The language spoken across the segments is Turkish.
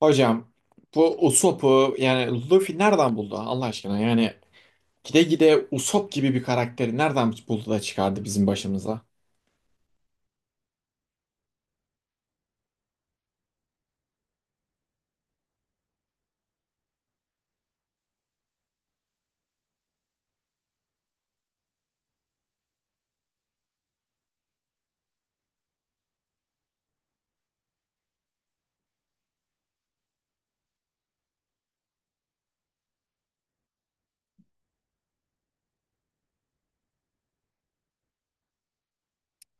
Hocam bu Usopp'u yani Luffy nereden buldu Allah aşkına? Yani gide gide Usopp gibi bir karakteri nereden buldu da çıkardı bizim başımıza?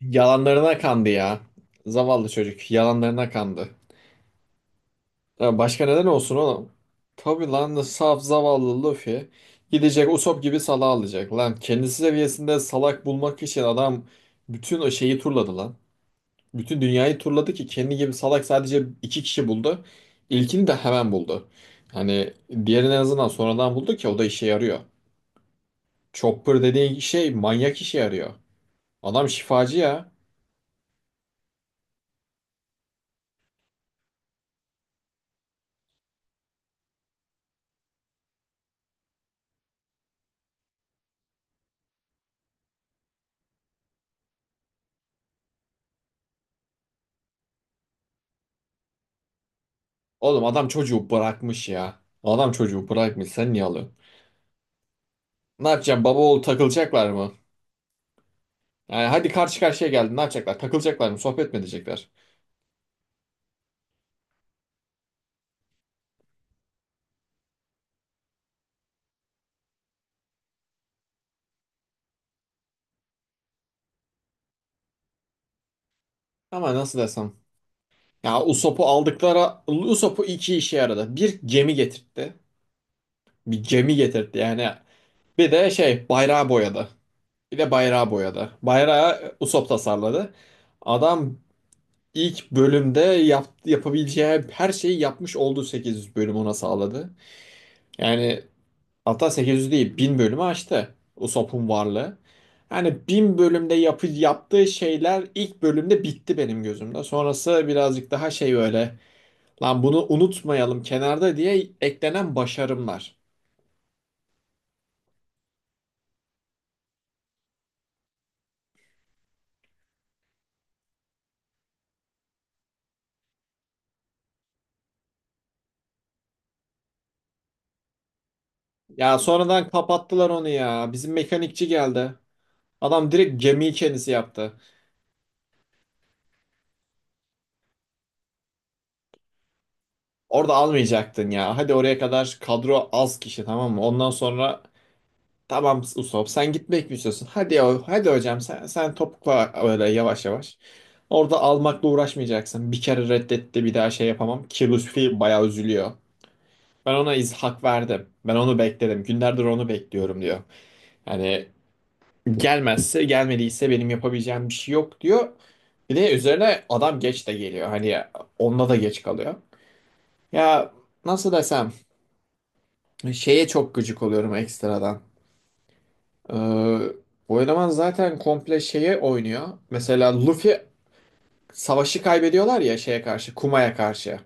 Yalanlarına kandı ya. Zavallı çocuk yalanlarına kandı. Ya başka neden olsun oğlum? Tabii lan saf zavallı Luffy gidecek Usopp gibi salağı alacak lan. Kendisi seviyesinde salak bulmak için adam bütün o şeyi turladı lan. Bütün dünyayı turladı ki kendi gibi salak sadece iki kişi buldu. İlkini de hemen buldu. Hani diğerini en azından sonradan buldu ki o da işe yarıyor. Chopper dediğin şey manyak işe yarıyor. Adam şifacı ya. Oğlum adam çocuğu bırakmış ya. Adam çocuğu bırakmış, sen niye alıyorsun? Ne yapacaksın, baba oğul takılacaklar mı? Yani hadi karşı karşıya geldin, ne yapacaklar? Takılacaklar mı? Sohbet mi edecekler? Ama nasıl desem. Ya Usopp'u aldıkları... Usopp'u iki işe yaradı. Bir gemi getirtti. Bir gemi getirtti yani. Bir de şey bayrağı boyadı. Bir de bayrağı boyadı. Bayrağı Usopp tasarladı. Adam ilk bölümde yapabileceği her şeyi yapmış oldu, 8 bölüm ona sağladı. Yani hatta 800 değil 1000 bölümü aştı Usopp'un varlığı. Yani 1000 bölümde yaptığı şeyler ilk bölümde bitti benim gözümde. Sonrası birazcık daha şey böyle, lan bunu unutmayalım kenarda diye eklenen başarımlar. Ya sonradan kapattılar onu ya. Bizim mekanikçi geldi. Adam direkt gemiyi kendisi yaptı. Orada almayacaktın ya. Hadi oraya kadar kadro az kişi, tamam mı? Ondan sonra tamam Usop, sen gitmek mi istiyorsun? Hadi ya, hadi hocam sen topukla öyle yavaş yavaş. Orada almakla uğraşmayacaksın. Bir kere reddetti, bir daha şey yapamam. Ki Lutfi bayağı üzülüyor. Ben ona iz hak verdim. Ben onu bekledim. Günlerdir onu bekliyorum diyor. Yani gelmezse gelmediyse benim yapabileceğim bir şey yok diyor. Bir de üzerine adam geç de geliyor. Hani onda da geç kalıyor. Ya nasıl desem, şeye çok gıcık oluyorum ekstradan. Ee, Bu eleman zaten komple şeye oynuyor. Mesela Luffy savaşı kaybediyorlar ya şeye karşı, Kuma'ya karşı.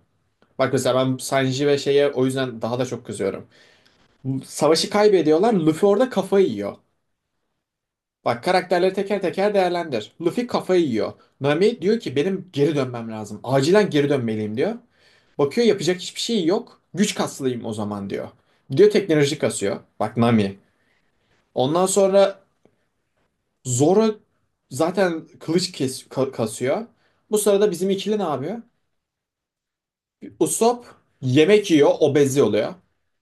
Bak mesela ben Sanji ve şeye o yüzden daha da çok kızıyorum. Savaşı kaybediyorlar, Luffy orada kafayı yiyor. Bak karakterleri teker teker değerlendir. Luffy kafayı yiyor. Nami diyor ki benim geri dönmem lazım. Acilen geri dönmeliyim diyor. Bakıyor yapacak hiçbir şey yok. Güç kaslayayım o zaman diyor. Gidiyor teknoloji kasıyor. Bak Nami. Ondan sonra Zoro zaten kılıç kasıyor. Bu sırada bizim ikili ne yapıyor? Usopp yemek yiyor, obezi oluyor.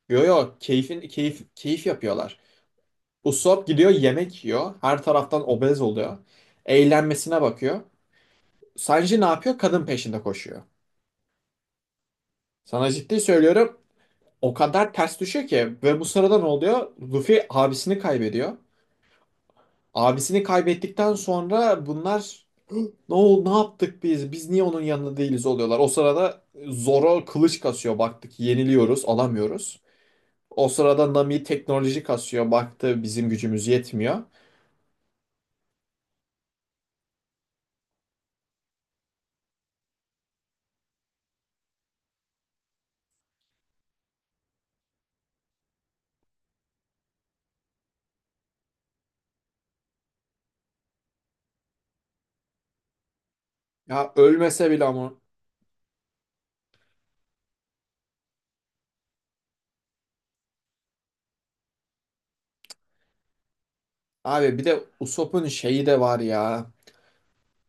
Yo yo, keyfin keyif keyif yapıyorlar. Usopp gidiyor yemek yiyor, her taraftan obez oluyor. Eğlenmesine bakıyor. Sanji ne yapıyor? Kadın peşinde koşuyor. Sana ciddi söylüyorum, o kadar ters düşüyor ki ve bu sırada ne oluyor? Luffy abisini kaybediyor. Abisini kaybettikten sonra bunlar ne oldu, ne yaptık biz? Biz niye onun yanında değiliz oluyorlar. O sırada Zoro kılıç kasıyor. Baktık yeniliyoruz, alamıyoruz. O sırada Nami teknoloji kasıyor. Baktı bizim gücümüz yetmiyor. Ya ölmese bile ama. Abi bir de Usopp'un şeyi de var ya.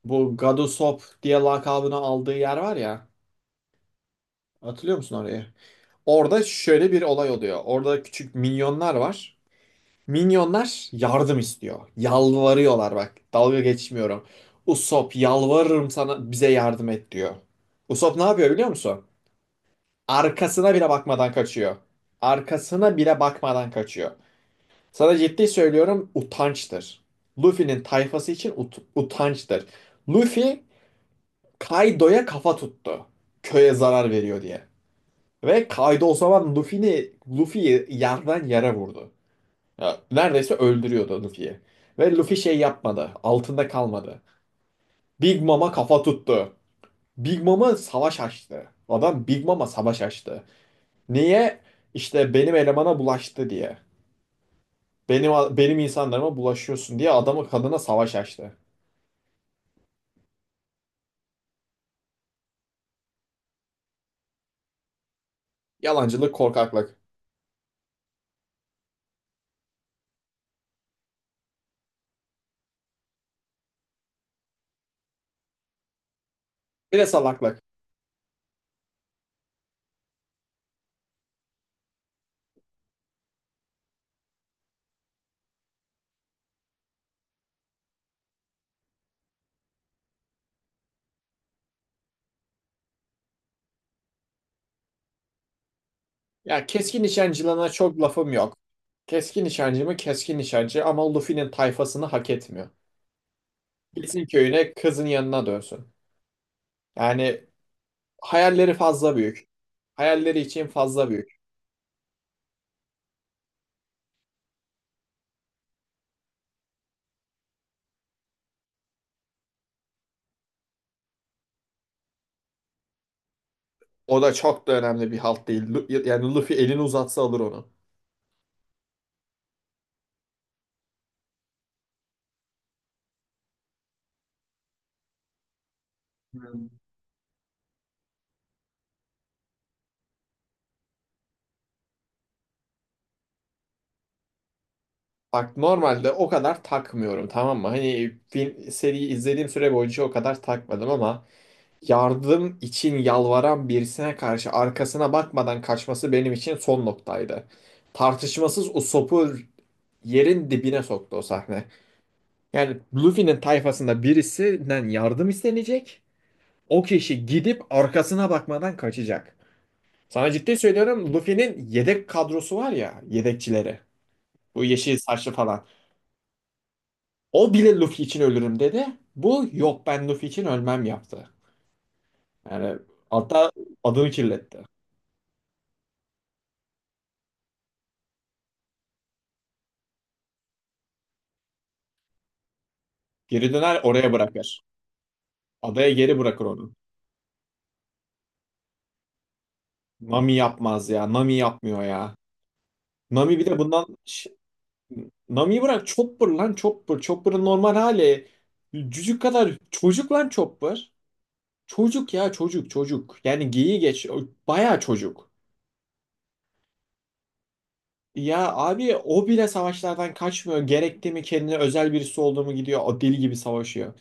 Bu God Usopp diye lakabını aldığı yer var ya. Hatırlıyor musun orayı? Orada şöyle bir olay oluyor. Orada küçük minyonlar var. Minyonlar yardım istiyor. Yalvarıyorlar bak. Dalga geçmiyorum. Usopp yalvarırım sana bize yardım et diyor. Usopp ne yapıyor biliyor musun? Arkasına bile bakmadan kaçıyor. Arkasına bile bakmadan kaçıyor. Sana ciddi söylüyorum utançtır. Luffy'nin tayfası için utançtır. Luffy Kaido'ya kafa tuttu. Köye zarar veriyor diye. Ve Kaido o zaman Luffy'yi yerden yere vurdu. Ya, neredeyse öldürüyordu Luffy'yi. Ve Luffy şey yapmadı. Altında kalmadı. Big Mom'a kafa tuttu. Big Mom'a savaş açtı. Adam Big Mom'a savaş açtı. Niye? İşte benim elemana bulaştı diye. Benim insanlarıma bulaşıyorsun diye adamı kadına savaş açtı. Yalancılık, korkaklık. Bir de salaklık. Ya keskin nişancılığına çok lafım yok. Keskin nişancı mı keskin nişancı ama Luffy'nin tayfasını hak etmiyor. Gitsin köyüne kızın yanına dönsün. Yani hayalleri fazla büyük. Hayalleri için fazla büyük. O da çok da önemli bir halt değil. Lu- Yani Luffy elini uzatsa alır onu. Bak normalde o kadar takmıyorum, tamam mı? Hani film, seriyi izlediğim süre boyunca o kadar takmadım ama yardım için yalvaran birisine karşı arkasına bakmadan kaçması benim için son noktaydı. Tartışmasız o sopu yerin dibine soktu o sahne. Yani Luffy'nin tayfasında birisinden yardım istenecek. O kişi gidip arkasına bakmadan kaçacak. Sana ciddi söylüyorum Luffy'nin yedek kadrosu var ya, yedekçileri. Bu yeşil saçlı falan. O bile Luffy için ölürüm dedi. Bu yok ben Luffy için ölmem yaptı. Yani hatta adını kirletti. Geri döner oraya bırakır. Adaya geri bırakır onu. Nami yapmaz ya. Nami yapmıyor ya. Nami bir de bundan... Ş- Nami'yi bırak, Chopper lan Chopper. Chopper'ın normal hali. Cücük kadar çocuk lan Chopper. Çocuk ya, çocuk çocuk. Yani geyiği geç. O bayağı çocuk. Ya abi o bile savaşlardan kaçmıyor. Gerekti mi kendine özel birisi olduğumu gidiyor. O deli gibi savaşıyor.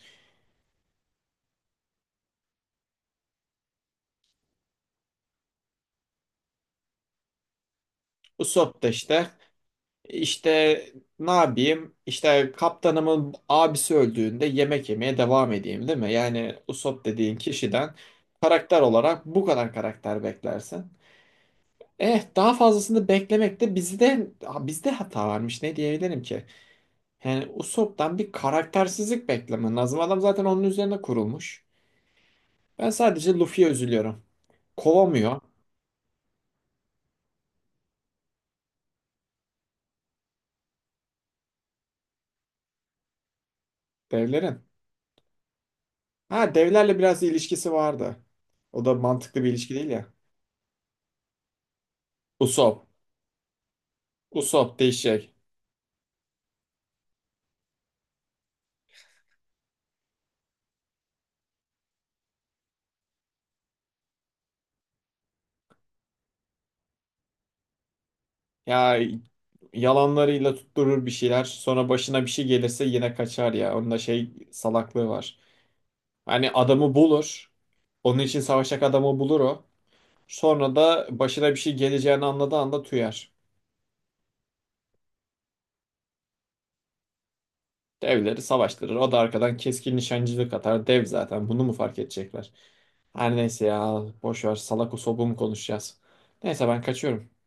Usopp da işte ne yapayım? İşte kaptanımın abisi öldüğünde yemek yemeye devam edeyim değil mi? Yani Usopp dediğin kişiden karakter olarak bu kadar karakter beklersin. Eh daha fazlasını beklemek de bizde hata varmış, ne diyebilirim ki? Yani Usopp'tan bir karaktersizlik beklemen lazım. Adam zaten onun üzerine kurulmuş. Ben sadece Luffy'ye üzülüyorum. Kovamıyor devlerin. Ha devlerle biraz ilişkisi vardı. O da mantıklı bir ilişki değil ya. Usopp. Usopp değişecek. Ya yalanlarıyla tutturur bir şeyler. Sonra başına bir şey gelirse yine kaçar ya. Onun da şey salaklığı var. Hani adamı bulur. Onun için savaşacak adamı bulur o. Sonra da başına bir şey geleceğini anladığı anda tüyer. Devleri savaştırır. O da arkadan keskin nişancılık atar. Dev zaten. Bunu mu fark edecekler? Her neyse ya. Boş ver. Salak usobum konuşacağız. Neyse ben kaçıyorum.